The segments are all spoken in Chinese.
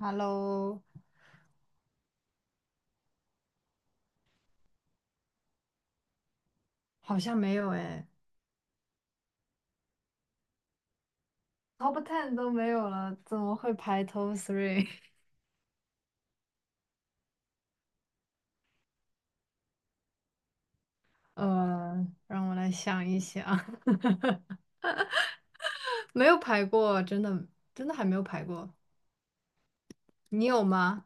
Hello，好像没有诶。 t o p Ten 都没有了，怎么会排 Top Three？让我来想一想，没有排过，真的。真的还没有排过，你有吗？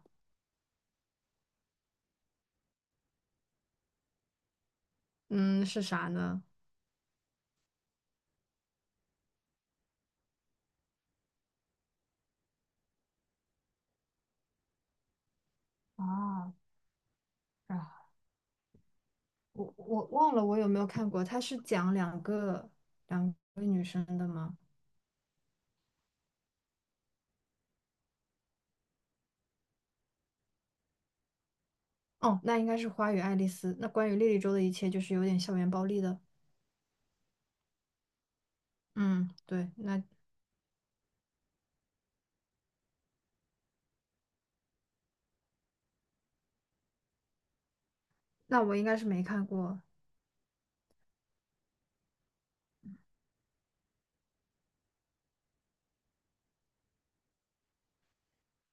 嗯，是啥呢？啊，啊，我忘了我有没有看过，它是讲两个女生的吗？哦，那应该是《花与爱丽丝》。那关于莉莉周的一切，就是有点校园暴力的。嗯，对，那我应该是没看过。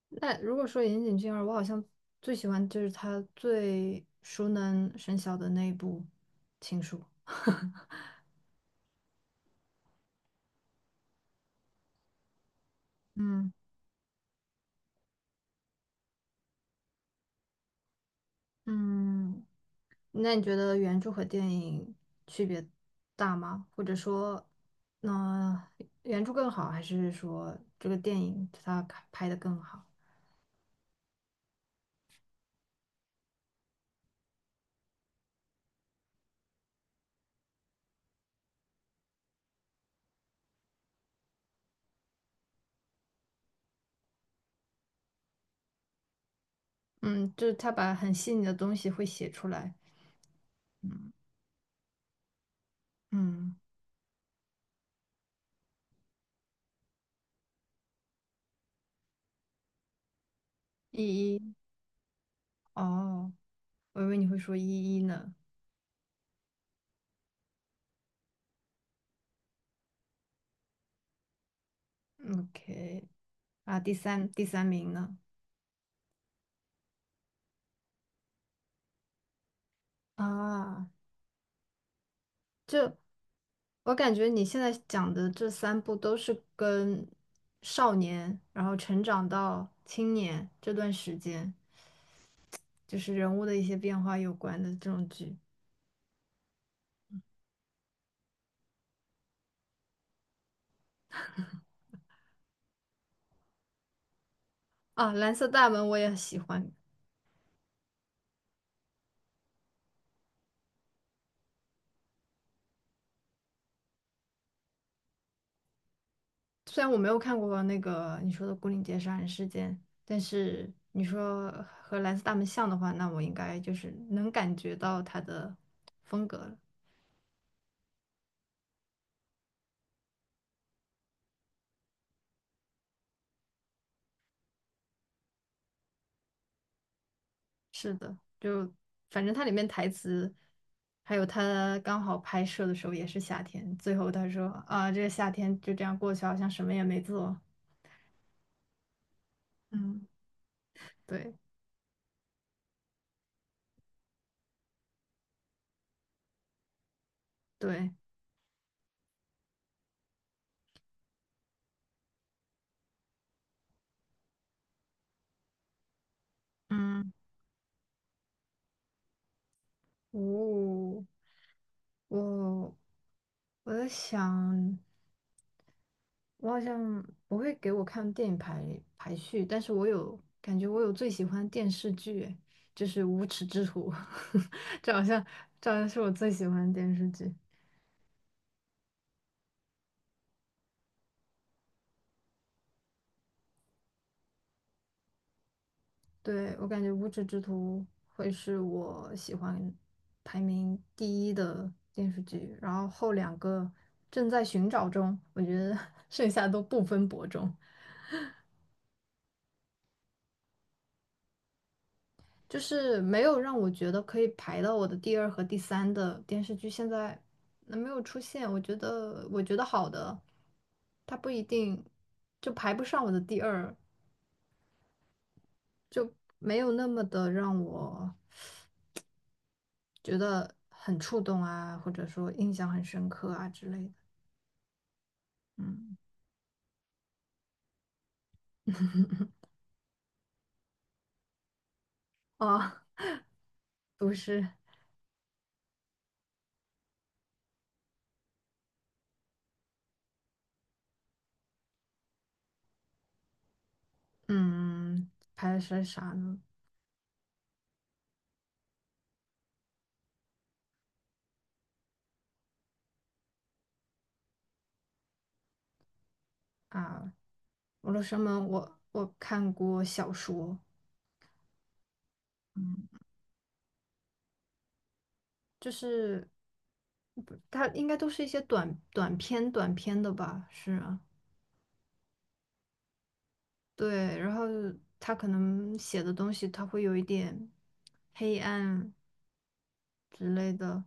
那如果说岩井俊二，我好像最喜欢就是他最熟能生巧的那一部《情书》嗯嗯，那你觉得原著和电影区别大吗？或者说，那、原著更好，还是说这个电影它拍的更好？嗯，就是他把很细腻的东西会写出来。嗯嗯，一一哦，我以为你会说一一呢。OK，啊，第三名呢？啊，就我感觉你现在讲的这三部都是跟少年，然后成长到青年这段时间，就是人物的一些变化有关的这种剧。啊，《蓝色大门》我也喜欢，虽然我没有看过那个你说的《牯岭街杀人事件》，但是你说和《蓝色大门》像的话，那我应该就是能感觉到它的风格了。是的，就反正它里面台词，还有他刚好拍摄的时候也是夏天，最后他说啊，这个夏天就这样过去，好像什么也没做。嗯，对对，嗯，哦，我我在想，我好像不会给我看电影排序，但是我有感觉我有最喜欢的电视剧，诶就是《无耻之徒》，这好像这好像是我最喜欢的电视剧。对，我感觉《无耻之徒》会是我喜欢排名第一的电视剧，然后后两个正在寻找中，我觉得 剩下都不分伯仲，就是没有让我觉得可以排到我的第二和第三的电视剧，现在那没有出现，我觉得好的，它不一定就排不上我的第二，就没有那么的让我觉得很触动啊，或者说印象很深刻啊之类的。嗯，哦，都是嗯，拍的是啥呢？啊，俄罗斯吗？我看过小说，嗯，就是它应该都是一些短篇的吧？是啊，对。然后他可能写的东西，他会有一点黑暗之类的。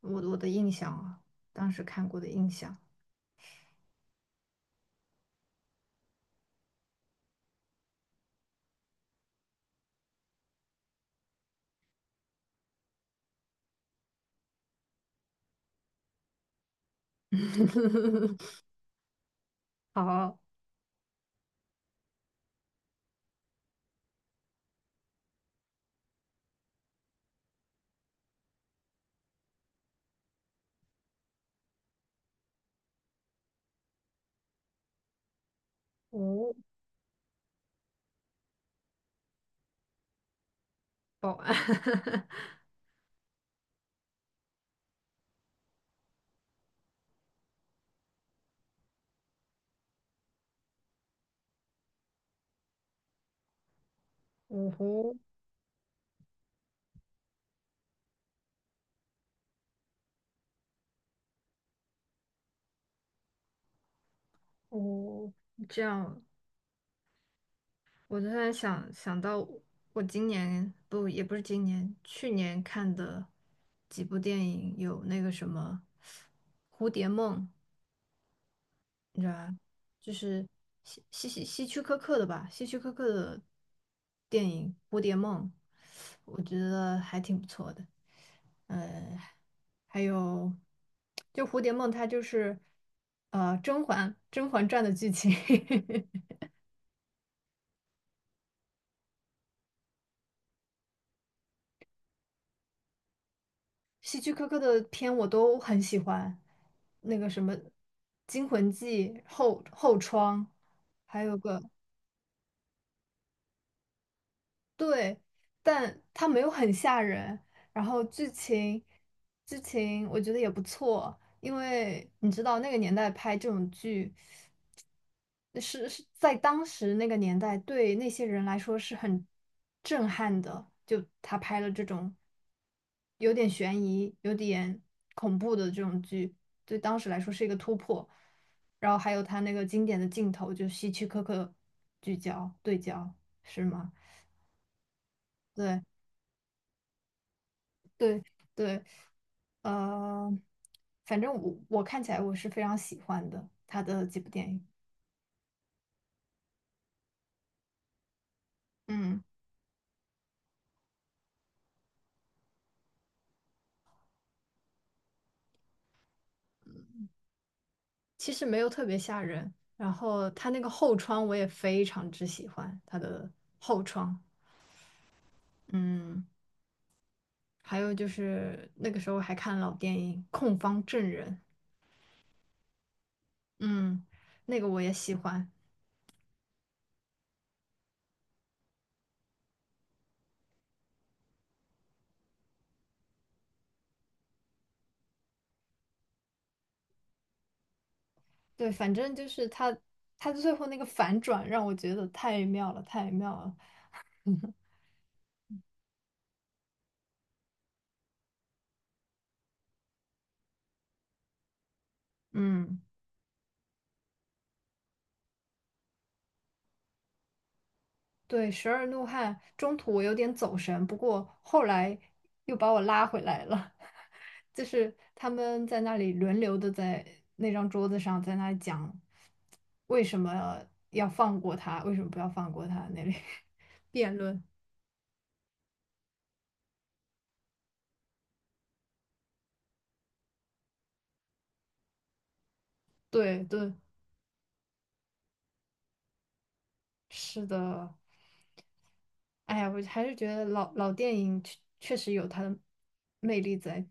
我的印象啊，当时看过的印象。好，哦，保安，五湖。哦，这样，我突然想到，我今年不也不是今年，去年看的几部电影，有那个什么《蝴蝶梦》，你知道吧？就是希区柯克的吧，希区柯克的电影《蝴蝶梦》，我觉得还挺不错的。还有，就《蝴蝶梦》，它就是甄嬛传》的剧情。希区柯克的片我都很喜欢，那个什么《惊魂记》后窗，还有个对，但它没有很吓人，然后剧情我觉得也不错，因为你知道那个年代拍这种剧。是是在当时那个年代，对那些人来说是很震撼的。就他拍了这种有点悬疑、有点恐怖的这种剧，对当时来说是一个突破。然后还有他那个经典的镜头，就希区柯克聚焦对焦，是吗？对对对，呃，反正我看起来我是非常喜欢的他的几部电影，嗯。其实没有特别吓人。然后他那个后窗我也非常之喜欢他的后窗，嗯，还有就是那个时候还看老电影《控方证人》，嗯，那个我也喜欢。对，反正就是它最后那个反转让我觉得太妙了，太妙了。嗯，对，《十二怒汉》中途我有点走神，不过后来又把我拉回来了。就是他们在那里轮流的在那张桌子上，在那里讲为什么要放过他，为什么不要放过他那里 辩论。对对，是的。哎呀，我还是觉得老电影确实有它的魅力在。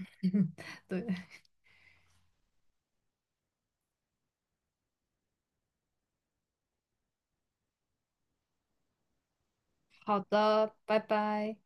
对，好的，拜拜。